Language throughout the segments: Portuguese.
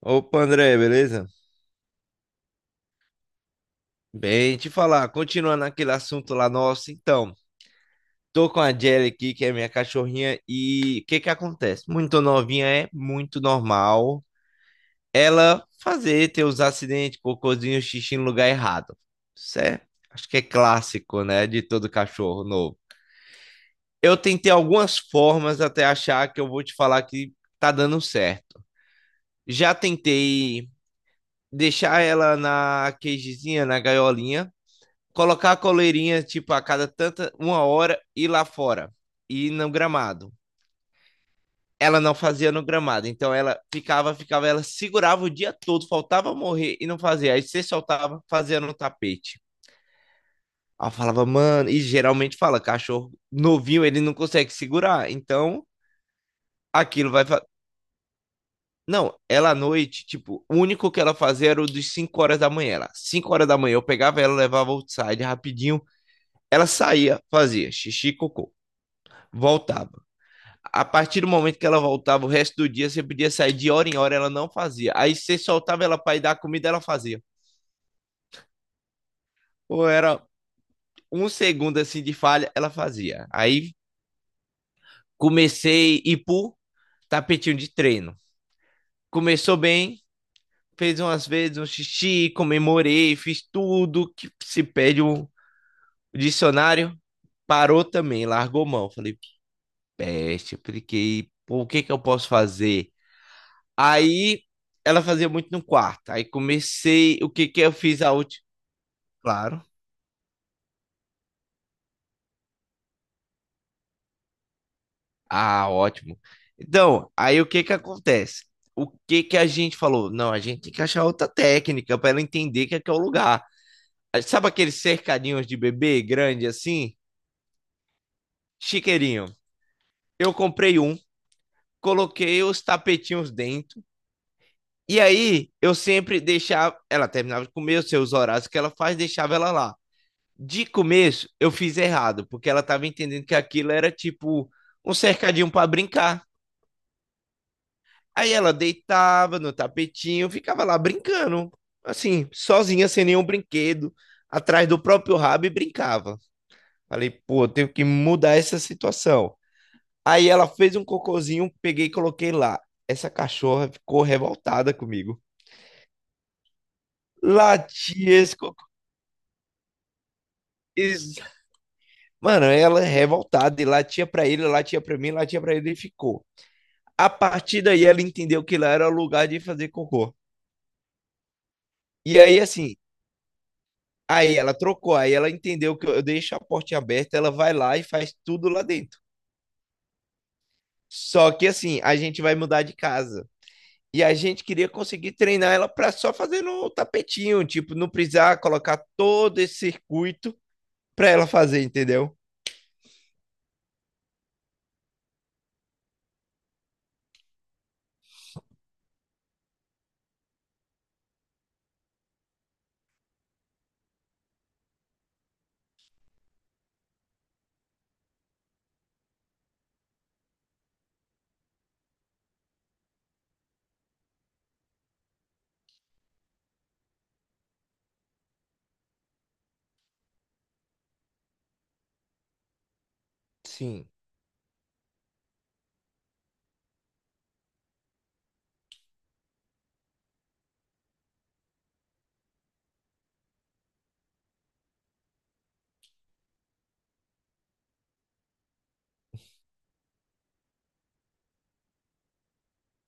Opa, André, beleza? Bem, te falar, continuando aquele assunto lá nosso, então, tô com a Jelly aqui, que é minha cachorrinha, e o que que acontece? Muito novinha é muito normal ela fazer, ter os acidentes, cocôzinho, xixi no lugar errado. Isso é, acho que é clássico, né, de todo cachorro novo. Eu tentei algumas formas até achar que eu vou te falar que tá dando certo. Já tentei deixar ela na cagezinha, na gaiolinha, colocar a coleirinha, tipo, a cada tanta, 1 hora, ir lá fora, ir no gramado. Ela não fazia no gramado, então ela ficava, ela segurava o dia todo, faltava morrer e não fazia. Aí você soltava, fazia no tapete. Ela falava, mano, e geralmente fala, cachorro novinho, ele não consegue segurar, então aquilo vai. Não, ela à noite, tipo, o único que ela fazia era o dos 5 horas da manhã. Ela, 5 horas da manhã, eu pegava ela, levava outside rapidinho, ela saía, fazia xixi, cocô, voltava. A partir do momento que ela voltava, o resto do dia você podia sair de hora em hora, ela não fazia. Aí você soltava ela para ir dar comida, ela fazia. Ou era um segundo assim de falha, ela fazia. Aí comecei a ir pro tapetinho de treino. Começou bem, fez umas vezes um xixi, comemorei, fiz tudo que se pede o dicionário. Parou também, largou mão. Falei, peste, apliquei. Pô, o que que eu posso fazer? Aí ela fazia muito no quarto. Aí comecei. O que que eu fiz a última? Claro. Ah, ótimo. Então, aí o que que acontece? O que que a gente falou? Não, a gente tem que achar outra técnica para ela entender que aqui é o lugar. Ah, sabe aqueles cercadinhos de bebê grande assim? Chiqueirinho. Eu comprei um, coloquei os tapetinhos dentro. E aí eu sempre deixava. Ela terminava de comer os seus horários que ela faz, deixava ela lá. De começo, eu fiz errado, porque ela tava entendendo que aquilo era tipo um cercadinho pra brincar. Aí ela deitava no tapetinho, ficava lá brincando, assim, sozinha, sem nenhum brinquedo, atrás do próprio rabo e brincava. Falei, pô, eu tenho que mudar essa situação. Aí ela fez um cocôzinho, peguei e coloquei lá. Essa cachorra ficou revoltada comigo. Latia esse cocô. Ex- Mano, ela revoltada e latia pra ele, latia pra mim, latia pra ele e ficou. A partir daí ela entendeu que lá era o lugar de fazer cocô. E aí, assim, aí ela trocou, aí ela entendeu que eu deixo a portinha aberta, ela vai lá e faz tudo lá dentro. Só que, assim, a gente vai mudar de casa. E a gente queria conseguir treinar ela para só fazer no tapetinho, tipo, não precisar colocar todo esse circuito para ela fazer, entendeu? Sim,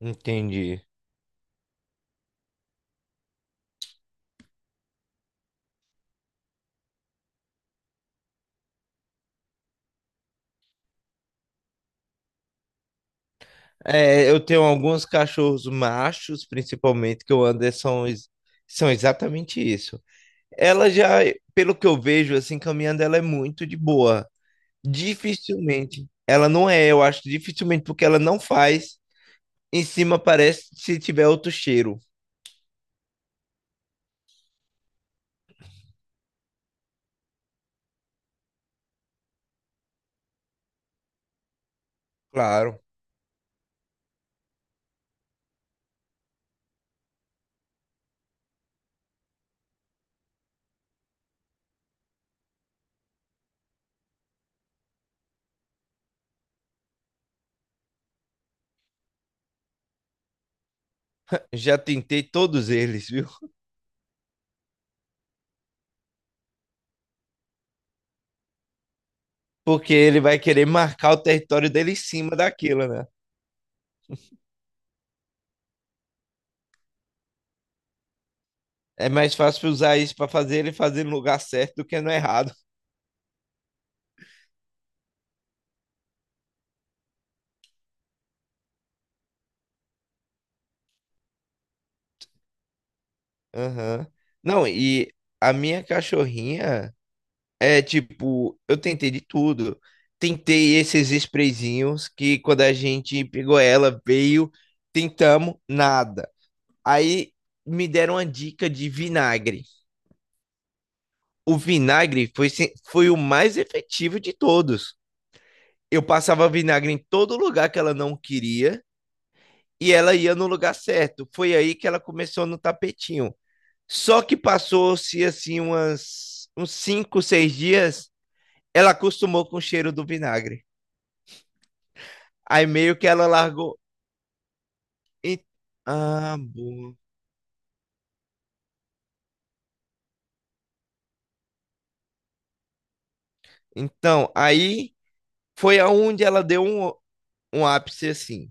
entendi. É, eu tenho alguns cachorros machos, principalmente, que o Anderson são exatamente isso. Ela já, pelo que eu vejo, assim, caminhando, ela é muito de boa. Dificilmente. Ela não é, eu acho, dificilmente, porque ela não faz. Em cima parece se tiver outro cheiro. Claro. Já tentei todos eles, viu? Porque ele vai querer marcar o território dele em cima daquilo, né? É mais fácil usar isso para fazer ele fazer no lugar certo do que no errado. Aham. Não, e a minha cachorrinha. É tipo, eu tentei de tudo. Tentei esses sprayzinhos que quando a gente pegou ela, veio, tentamos, nada. Aí me deram uma dica de vinagre. O vinagre foi, foi o mais efetivo de todos. Eu passava vinagre em todo lugar que ela não queria e ela ia no lugar certo. Foi aí que ela começou no tapetinho. Só que passou-se assim umas, uns 5, 6 dias, ela acostumou com o cheiro do vinagre. Aí meio que ela largou. E- Ah, boa. Então, aí foi aonde ela deu um, um ápice assim.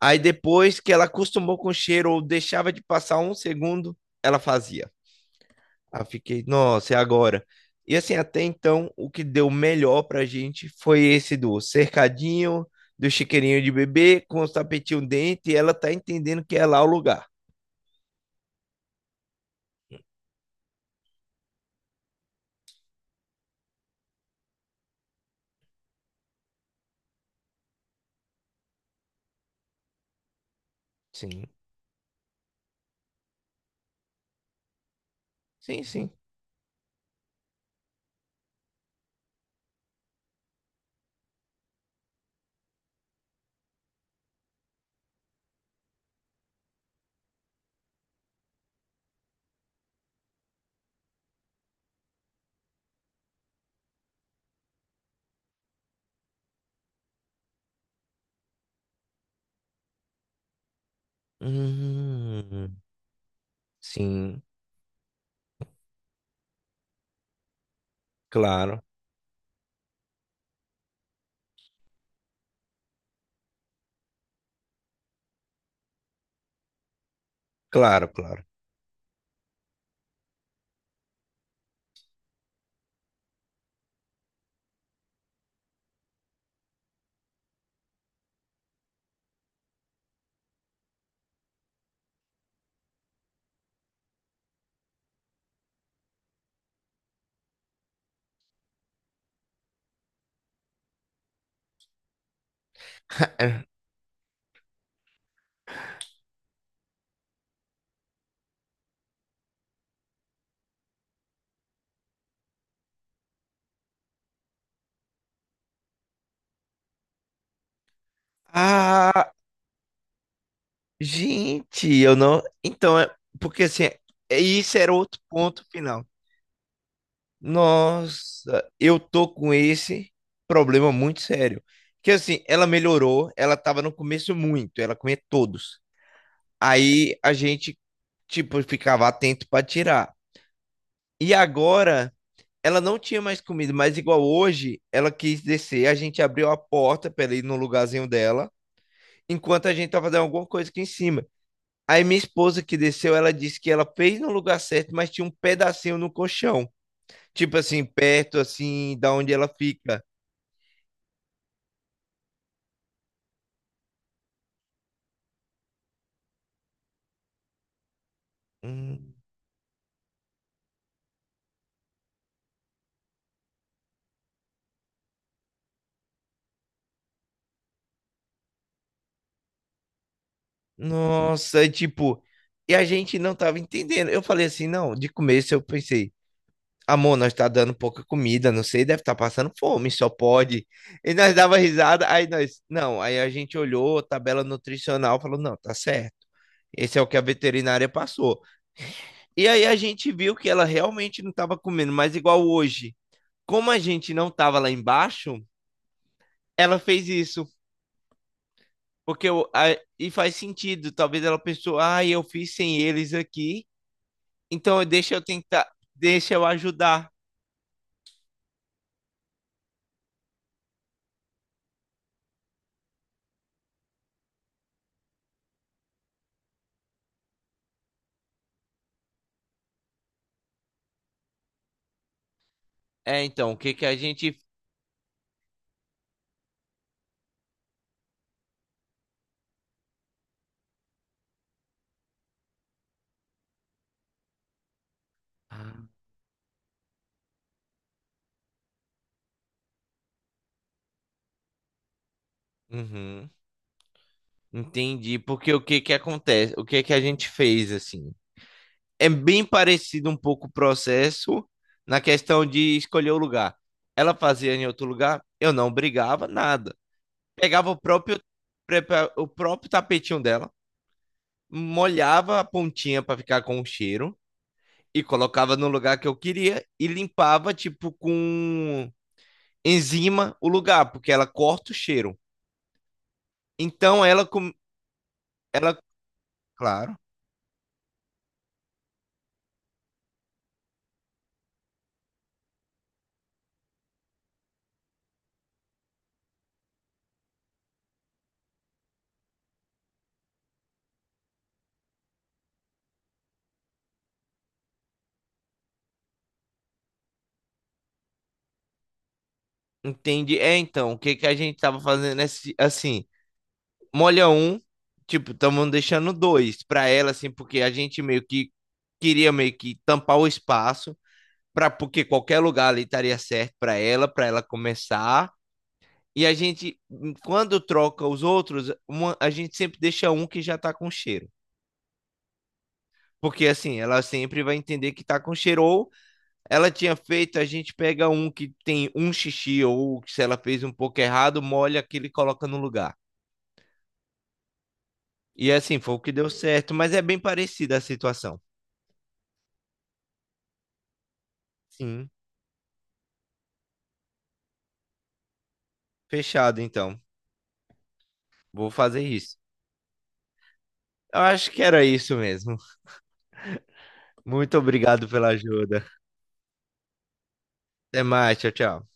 Aí depois que ela acostumou com o cheiro ou deixava de passar um segundo, ela fazia. Aí eu fiquei, nossa, é agora. E assim, até então, o que deu melhor pra gente foi esse do cercadinho, do chiqueirinho de bebê com os tapetinhos dentro e ela tá entendendo que é lá o lugar. Sim, sim, sim. Hum, sim, claro, claro, claro. Ah, gente, eu não. Então, é... porque assim, isso era outro ponto final. Nossa, eu tô com esse problema muito sério. Que assim, ela melhorou, ela tava no começo muito, ela comia todos. Aí a gente, tipo, ficava atento pra tirar. E agora, ela não tinha mais comida, mas igual hoje, ela quis descer, a gente abriu a porta pra ela ir no lugarzinho dela, enquanto a gente tava fazendo alguma coisa aqui em cima. Aí minha esposa que desceu, ela disse que ela fez no lugar certo, mas tinha um pedacinho no colchão. Tipo assim, perto assim, da onde ela fica. Hum, Nossa, e tipo, e a gente não tava entendendo. Eu falei assim, não, de começo eu pensei, amor, nós tá dando pouca comida, não sei, deve estar passando fome, só pode. E nós dava risada, aí nós, não, aí a gente olhou a tabela nutricional, falou, não, tá certo. Esse é o que a veterinária passou. E aí a gente viu que ela realmente não estava comendo, mas igual hoje, como a gente não tava lá embaixo, ela fez isso. Porque eu, e faz sentido. Talvez ela pensou, ah, eu fiz sem eles aqui, então deixa eu tentar, deixa eu ajudar. É, então, o que que a gente. Ah, uhum, entendi. Porque o que que acontece? O que que a gente fez assim? É bem parecido um pouco o processo na questão de escolher o lugar. Ela fazia em outro lugar, eu não brigava nada. Pegava o próprio, o próprio tapetinho dela molhava a pontinha para ficar com o cheiro e colocava no lugar que eu queria e limpava, tipo, com enzima o lugar, porque ela corta o cheiro. Então ela, ela, claro, entende. É, então, o que que a gente tava fazendo é assim, molha um, tipo, estamos deixando dois para ela, assim, porque a gente meio que queria meio que tampar o espaço, para porque qualquer lugar ali estaria certo para ela começar. E a gente, quando troca os outros, a gente sempre deixa um que já tá com cheiro. Porque assim, ela sempre vai entender que tá com cheiro. Ou ela tinha feito, a gente pega um que tem um xixi, ou se ela fez um pouco errado, molha aquele e coloca no lugar. E assim, foi o que deu certo. Mas é bem parecida a situação. Sim, fechado então. Vou fazer isso. Eu acho que era isso mesmo. Muito obrigado pela ajuda. Até mais, tchau, tchau.